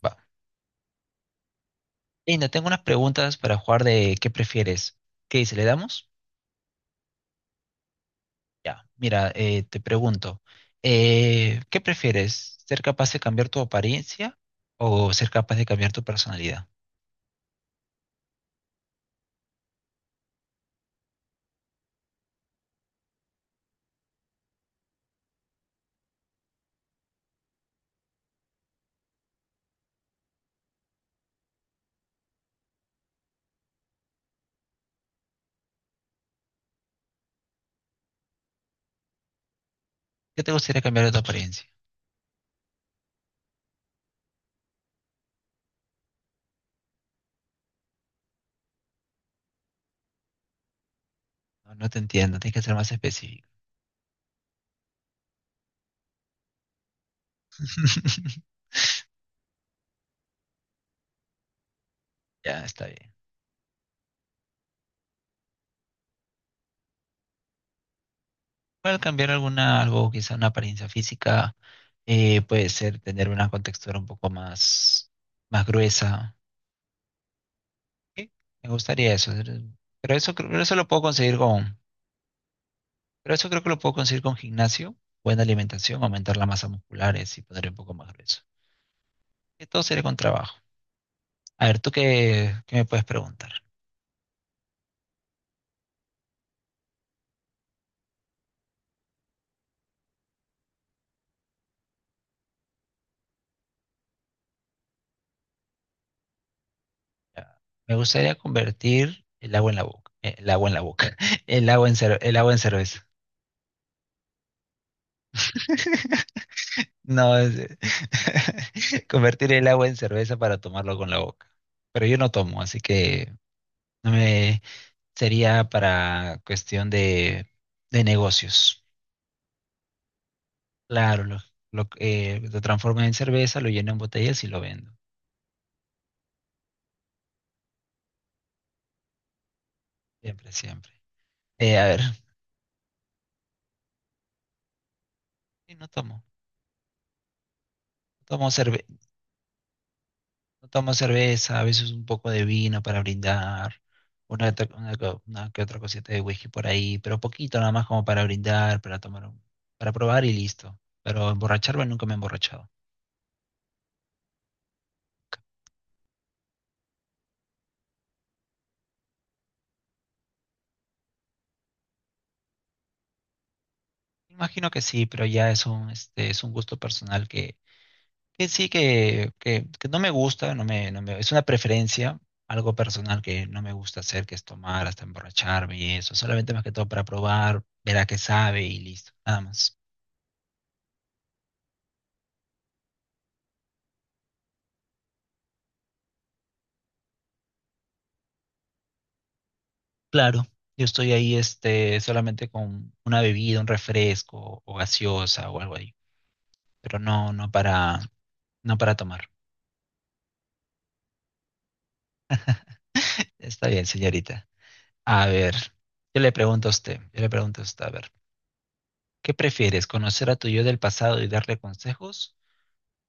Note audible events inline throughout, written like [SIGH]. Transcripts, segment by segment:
Va. Y no tengo unas preguntas para jugar de qué prefieres. ¿Qué dice? ¿Le damos? Ya. Mira, te pregunto, ¿qué prefieres? ¿Ser capaz de cambiar tu apariencia o ser capaz de cambiar tu personalidad? ¿Qué te gustaría cambiar de tu apariencia? No, no te entiendo, tienes que ser más específico. [LAUGHS] Ya, está bien. Puede cambiar alguna, algo, quizá una apariencia física, puede ser tener una contextura un poco más, más gruesa. Sí, me gustaría eso. Pero eso, pero eso lo puedo conseguir con, pero eso creo que lo puedo conseguir con gimnasio, buena alimentación, aumentar la masa muscular y poner un poco más grueso. Y todo sería con trabajo. A ver, ¿qué me puedes preguntar? Ya, me gustaría convertir el agua en la boca. El agua en la boca. [LAUGHS] El agua en, el agua en cerveza. No, [LAUGHS] convertir el agua en cerveza para tomarlo con la boca. Pero yo no tomo, así que no me sería para cuestión de negocios. Claro, lo transforman en cerveza, lo llenan en botellas y lo vendo. Siempre, siempre. A ver, sí, no tomo. No tomo cerve- no tomo cerveza, a veces un poco de vino para brindar, una que otra cosita de whisky por ahí, pero poquito nada más como para brindar, para tomar, para probar y listo. Pero emborracharme nunca me he emborrachado. Imagino que sí, pero ya es un, este, es un gusto personal que sí, que no me gusta, no me, es una preferencia, algo personal que no me gusta hacer, que es tomar hasta emborracharme y eso, solamente más que todo para probar, ver a qué sabe y listo, nada más. Claro, yo estoy ahí este, solamente con una bebida, un refresco o gaseosa o algo ahí, pero no, no para, no para tomar. Está bien, señorita. A ver, yo le pregunto a usted, yo le pregunto a usted, a ver, ¿qué prefieres, conocer a tu yo del pasado y darle consejos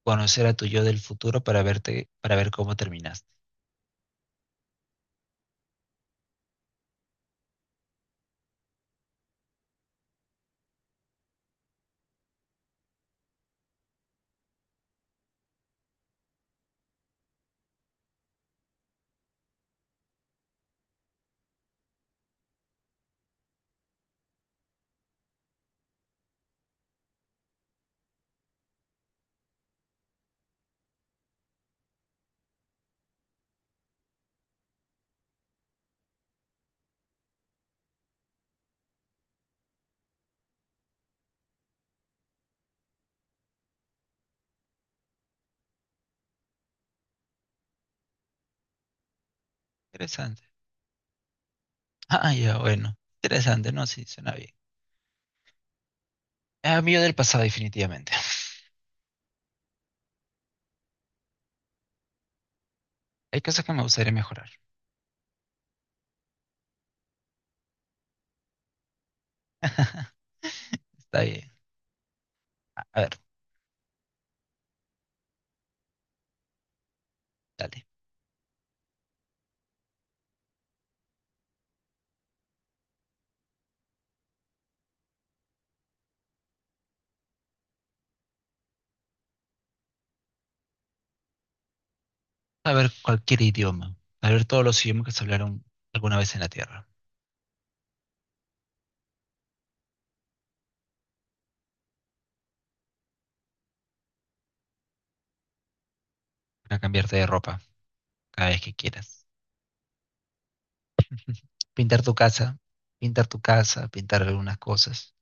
conocer a tu yo del futuro para verte, para ver cómo terminaste? Interesante. Ah, ya, bueno. Interesante, ¿no? Sí, suena bien. Ah, mi yo del pasado, definitivamente. [LAUGHS] Hay cosas que me gustaría mejorar. [LAUGHS] Está bien. A ver, dale. Saber cualquier idioma. Saber todos los idiomas que se hablaron alguna vez en la Tierra. Para cambiarte de ropa cada vez que quieras. Pintar tu casa. Pintar tu casa, pintar algunas cosas.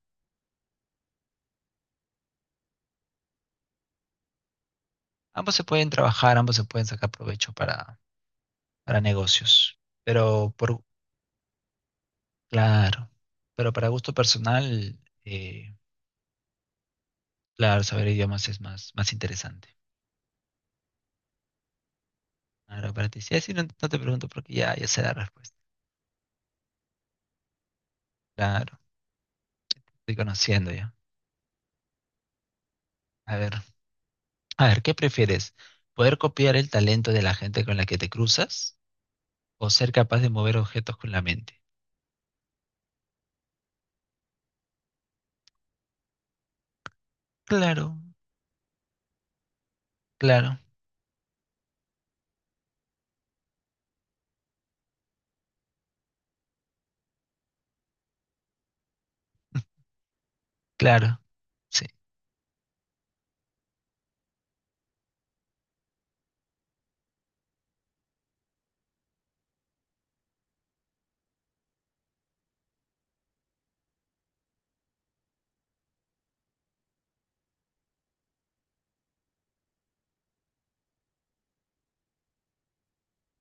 Ambos se pueden trabajar, ambos se pueden sacar provecho para negocios. Pero por, claro, pero para gusto personal, eh, claro, saber idiomas es más, más interesante. Claro, para ti. Sí, sí, no, no te pregunto porque ya, ya sé la respuesta. Claro, estoy conociendo ya. A ver, a ver, ¿qué prefieres? ¿Poder copiar el talento de la gente con la que te cruzas o ser capaz de mover objetos con la mente? Claro, claro, claro, sí,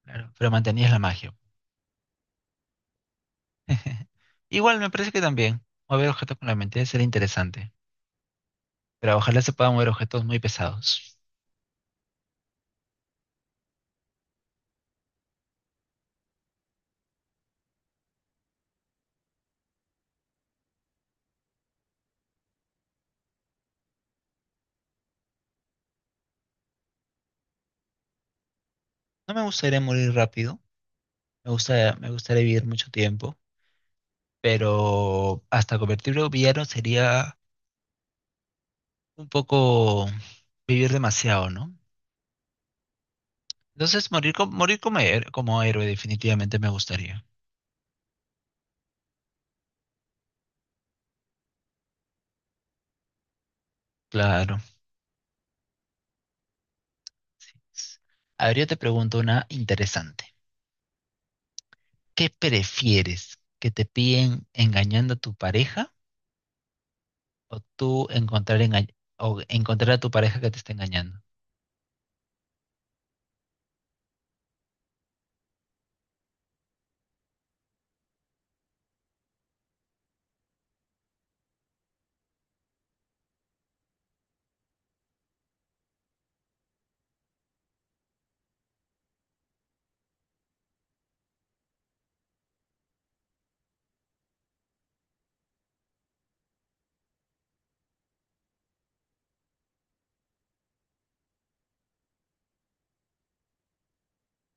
claro, pero mantenías la magia. [LAUGHS] Igual me parece que también mover objetos con la mente debe ser interesante, pero ojalá se puedan mover objetos muy pesados. No me gustaría morir rápido, me gusta, me gustaría vivir mucho tiempo, pero hasta convertirme en villano sería un poco vivir demasiado, ¿no? Entonces morir, morir como, como héroe definitivamente me gustaría. Claro. Sí. A ver, yo te pregunto una interesante. ¿Qué prefieres? ¿Que te piden engañando a tu pareja o tú encontrar, o encontrar a tu pareja que te está engañando?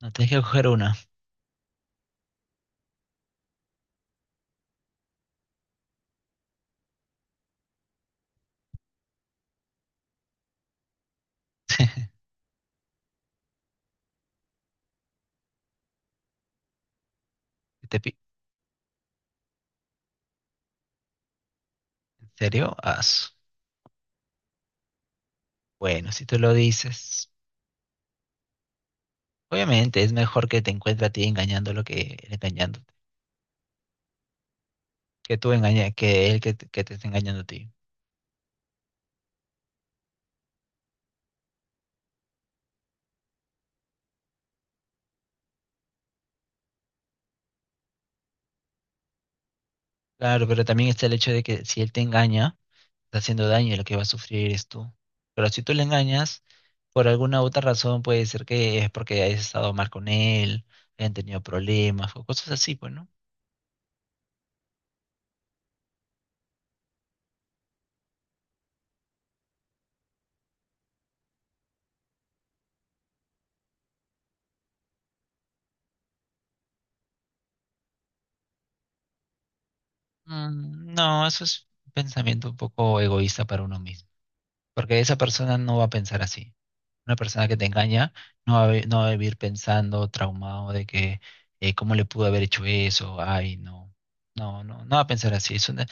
No, tienes que coger una. ¿Que ¿Te pi- ¿En serio? Ah, bueno, si tú lo dices, obviamente es mejor que te encuentre a ti engañándolo que él engañándote, que tú engaña, que él que te esté engañando a ti. Claro, pero también está el hecho de que si él te engaña, está haciendo daño y lo que va a sufrir eres tú. Pero si tú le engañas, por alguna otra razón puede ser que es porque hayas estado mal con él, hayan tenido problemas o cosas así, pues, ¿no? Mm, no, eso es un pensamiento un poco egoísta para uno mismo. Porque esa persona no va a pensar así. Una persona que te engaña no va a, no va a vivir pensando, traumado de que cómo le pudo haber hecho eso, ay, no. No, no, no va a pensar así.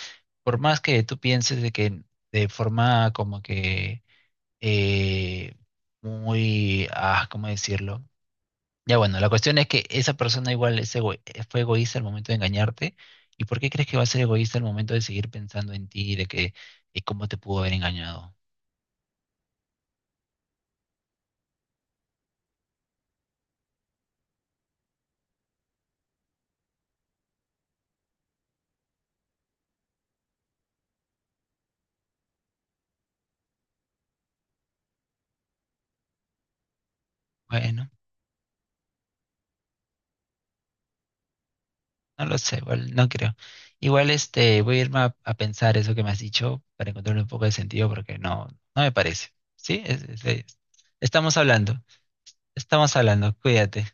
Por más que tú pienses de que de forma como que eh, muy, ah, ¿cómo decirlo? Ya bueno, la cuestión es que esa persona igual fue egoísta al momento de engañarte. ¿Y por qué crees que va a ser egoísta al momento de seguir pensando en ti, de que cómo te pudo haber engañado? Bueno. No lo sé, igual, no creo. Igual este, voy a irme a pensar eso que me has dicho para encontrarle un poco de sentido porque no, no me parece. ¿Sí? Estamos hablando, estamos hablando, cuídate.